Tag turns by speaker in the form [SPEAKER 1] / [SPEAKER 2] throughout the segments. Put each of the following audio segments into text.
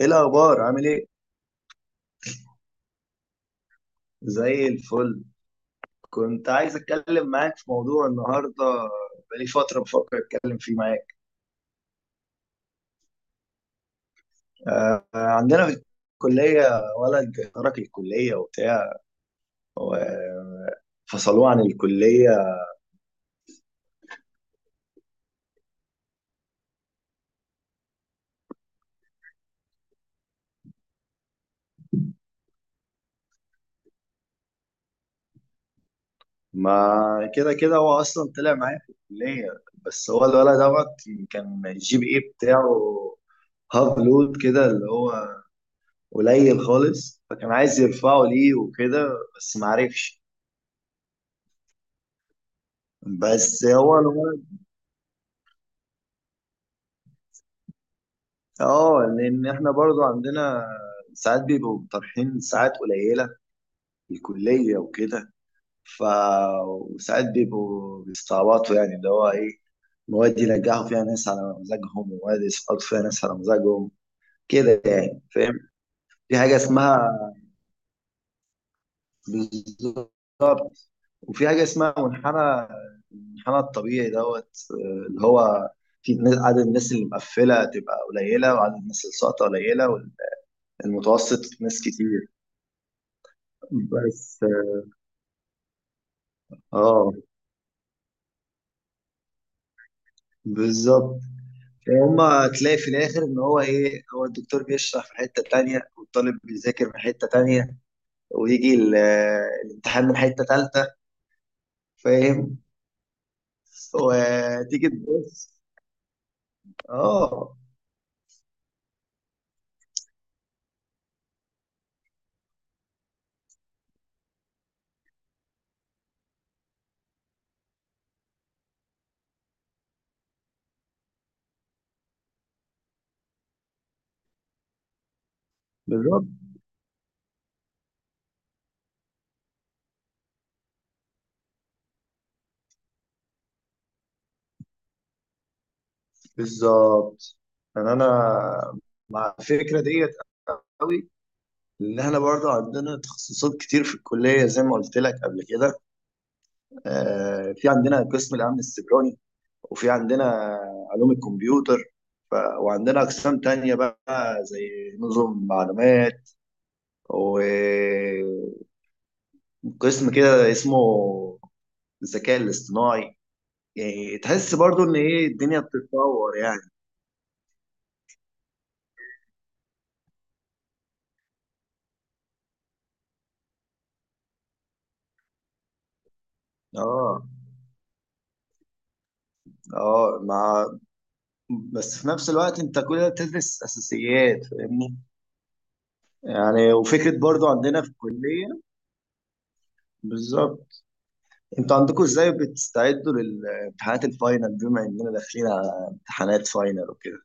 [SPEAKER 1] ايه الاخبار عامل ايه؟ زي الفل. كنت عايز اتكلم معاك في موضوع النهارده. بقالي فتره بفكر اتكلم فيه معاك. آه، عندنا في الكليه ولد ترك الكليه وبتاع وفصلوه عن الكليه. ما كده كده هو اصلا طلع معايا في الكليه. بس هو الولد دوت كان الجي بي اي بتاعه هاف لود كده، اللي هو قليل خالص، فكان عايز يرفعه ليه وكده. بس معرفش. بس هو الولد. اه، لان احنا برضو عندنا ساعات بيبقوا طرحين ساعات قليله في الكليه وكده. ف وساعات بيبقوا بيستعبطوا، يعني اللي هو ايه، مواد ينجحوا فيها ناس على مزاجهم ومواد يسقطوا فيها ناس على مزاجهم. كده يعني، فاهم؟ في حاجه اسمها. بالظبط. وفي حاجه اسمها منحنى. المنحنى الطبيعي دوت، اللي هو عدد الناس اللي مقفله تبقى قليله، وعدد الناس اللي ساقطه قليله. والمتوسط ناس كتير. بس. اه، بالظبط. هما تلاقي في الاخر ان هو ايه، هو الدكتور بيشرح في حته تانية والطالب بيذاكر من حته تانية. ويجي الامتحان من حته تالتة. فاهم؟ وتيجي تبص. اه، بالظبط، بالظبط. يعني انا مع الفكره ديت قوي. ان احنا برضه عندنا تخصصات كتير في الكليه زي ما قلت لك قبل كده. في عندنا قسم الامن السيبراني. وفي عندنا علوم الكمبيوتر. وعندنا أقسام تانية بقى زي نظم معلومات. وقسم كده اسمه الذكاء الاصطناعي. يعني تحس برضو ان ايه الدنيا بتتطور يعني. اه، اه، مع. بس في نفس الوقت انت كل ده بتدرس اساسيات، فاهمني؟ يعني وفكره برضو عندنا في الكليه. بالظبط. انتوا عندكم ازاي بتستعدوا للامتحانات الفاينل بما اننا داخلين على امتحانات فاينل وكده؟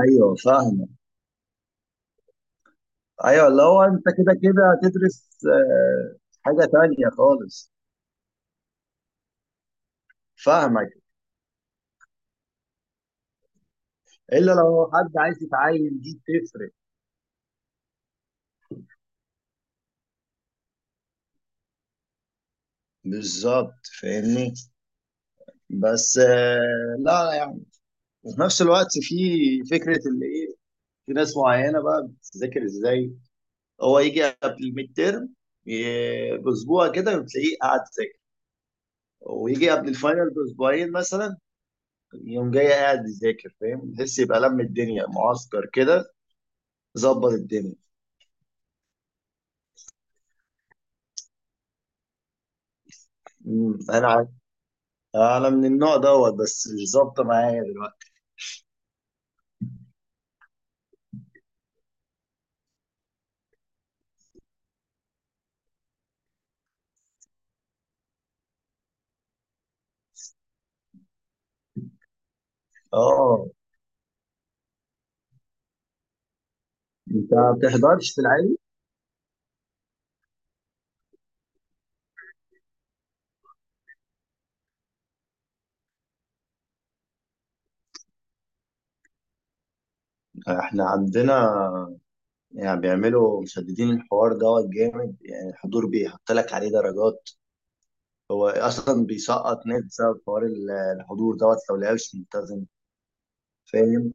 [SPEAKER 1] ايوه، فاهمه. ايوه، اللي هو انت كده كده هتدرس آه، حاجه تانية خالص. فاهمك. الا لو حد عايز يتعين دي تفرق. بالظبط، فاهمني. بس لا يعني. وفي نفس الوقت في. فكره اللي ايه. في ناس معينه بقى بتذاكر ازاي. هو يجي قبل الميد تيرم باسبوع كده بتلاقيه قاعد يذاكر. ويجي قبل الفاينل باسبوعين مثلا. يوم جاي قاعد يذاكر، فاهم؟ تحس يبقى لم الدنيا معسكر كده. ظبط الدنيا. مم. انا عارف. انا من النوع دوت بس مش ظابطه معايا دلوقتي. اه، انت ما بتحضرش في العادي؟ احنا عندنا. يعني بيعملوا مشددين الحوار دوت جامد، يعني الحضور بيحط لك عليه درجات. هو اصلا بيسقط ناس بسبب حوار الحضور دوت لو لعبش ملتزم. فاهم؟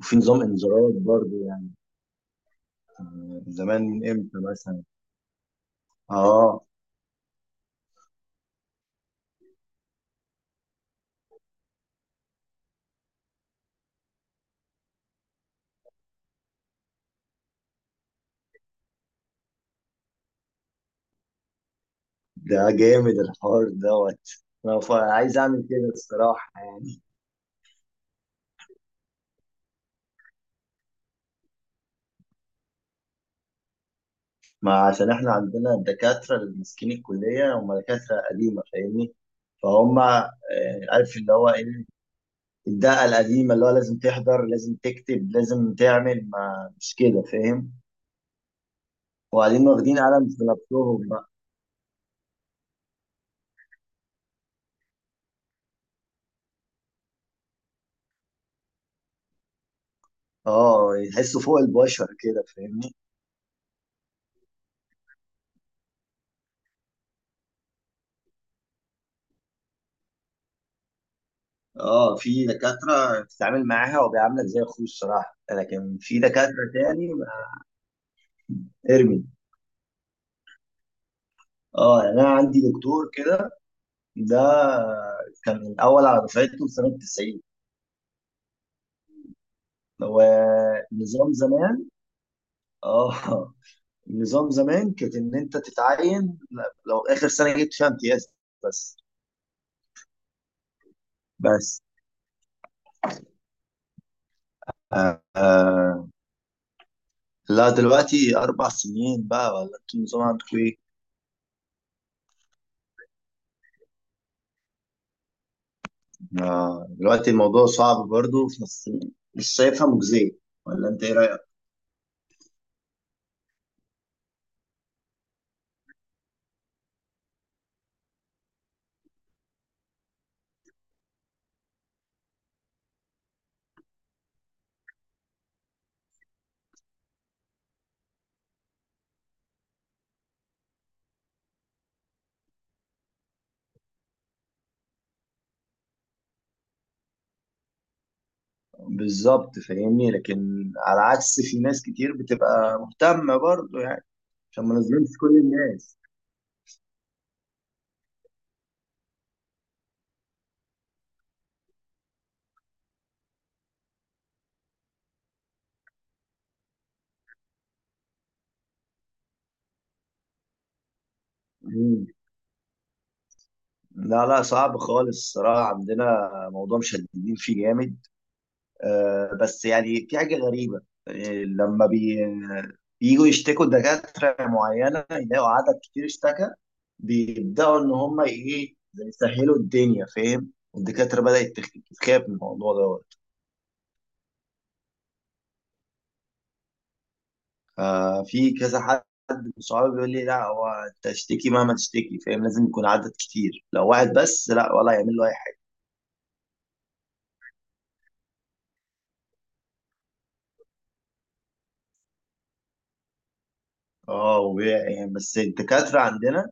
[SPEAKER 1] وفي نظام انذارات برضه يعني. زمان من امتى مثلا؟ اه. ده جامد الحوار دوت. انا عايز اعمل كده الصراحه يعني. ما عشان احنا عندنا الدكاترة اللي ماسكين الكلية هم دكاترة قديمة، فاهمني؟ فهم عارف اللي هو ايه. الدقة القديمة اللي هو لازم تحضر، لازم تكتب، لازم تعمل، ما مش كده، فاهم؟ وبعدين واخدين قلم في نفسهم بقى. اه، يحسوا فوق البشر كده، فاهمني؟ اه، في دكاترة بتتعامل معاها وبيعاملك زي اخوه الصراحة، لكن في دكاترة تاني ما-. ارمي. اه، يعني انا عندي دكتور كده. ده كان الاول على دفعته في سنة 90. هو نظام زمان. اه، نظام زمان كانت ان انت تتعين لو اخر سنه جبت فيها امتياز بس بس آه. آه. لا، دلوقتي اربع سنين بقى، ولا انتوا النظام عندكم ايه؟ آه. دلوقتي الموضوع صعب برضه في نفس. مش شايفها مجزيه. ولا انت ايه رايك؟ بالظبط فاهمني، لكن على عكس في ناس كتير بتبقى مهتمه برضه يعني. عشان ما نظلمش كل الناس. لا، لا، صعب خالص الصراحة، عندنا موضوع مشددين فيه جامد. بس يعني في حاجة غريبة. آه، لما بي. بييجوا يشتكوا دكاترة معينة، يلاقوا عدد كتير اشتكى. بيبدأوا إن هم إيه زي يسهلوا الدنيا، فاهم؟ والدكاترة بدأت تخاف من الموضوع دوت. في كذا حد من صحابي بيقول لي، لا هو أنت اشتكي مهما تشتكي، فاهم؟ لازم يكون عدد كتير، لو واحد بس لا ولا يعمل له أي حاجة. اه، يعني بس الدكاترة عندنا.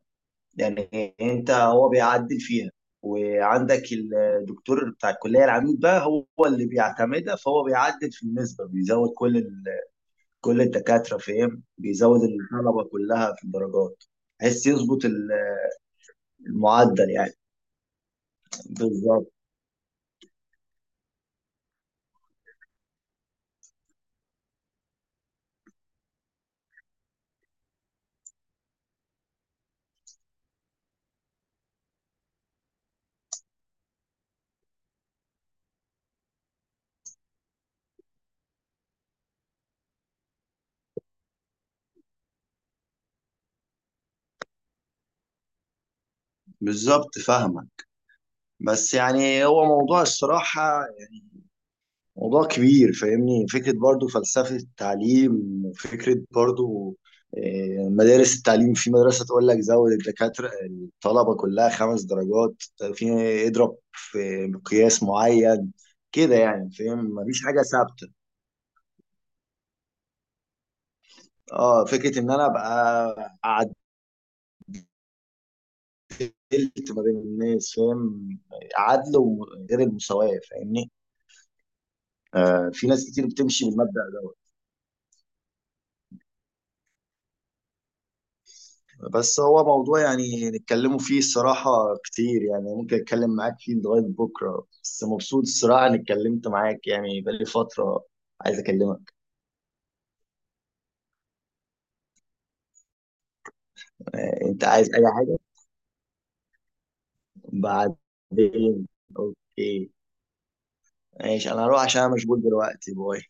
[SPEAKER 1] يعني انت هو بيعدل فيها. وعندك الدكتور بتاع الكليه العميد بقى هو اللي بيعتمدها، فهو بيعدل في النسبه بيزود كل ال... كل الدكاتره، فاهم؟ بيزود الطلبه كلها في الدرجات. بحيث يظبط ال-. المعدل يعني. بالظبط. بالظبط، فاهمه. بس يعني هو موضوع الصراحه. موضوع كبير، فاهمني؟ فكرة برضو فلسفة التعليم، وفكرة برضو. مدارس التعليم، في مدرسة تقول لك زود الدكاترة الطلبة كلها 5 درجات. في. اضرب في مقياس معين. كده يعني، فاهم؟ مفيش حاجة ثابتة. اه فكرة ان انا ابقى عدلت ما بين الناس، فاهم؟ عدل وغير المساواة، فاهمني؟ في ناس كتير بتمشي بالمبدأ ده. بس هو موضوع يعني نتكلموا فيه الصراحة كتير، يعني ممكن أتكلم معاك فيه لغاية بكرة، بس مبسوط الصراحة إني اتكلمت معاك، يعني بقالي فترة عايز أكلمك. آه، أنت عايز أي حاجة؟ بعدين. أوكي. ماشي، أنا هروح عشان أنا مشغول دلوقتي، باي.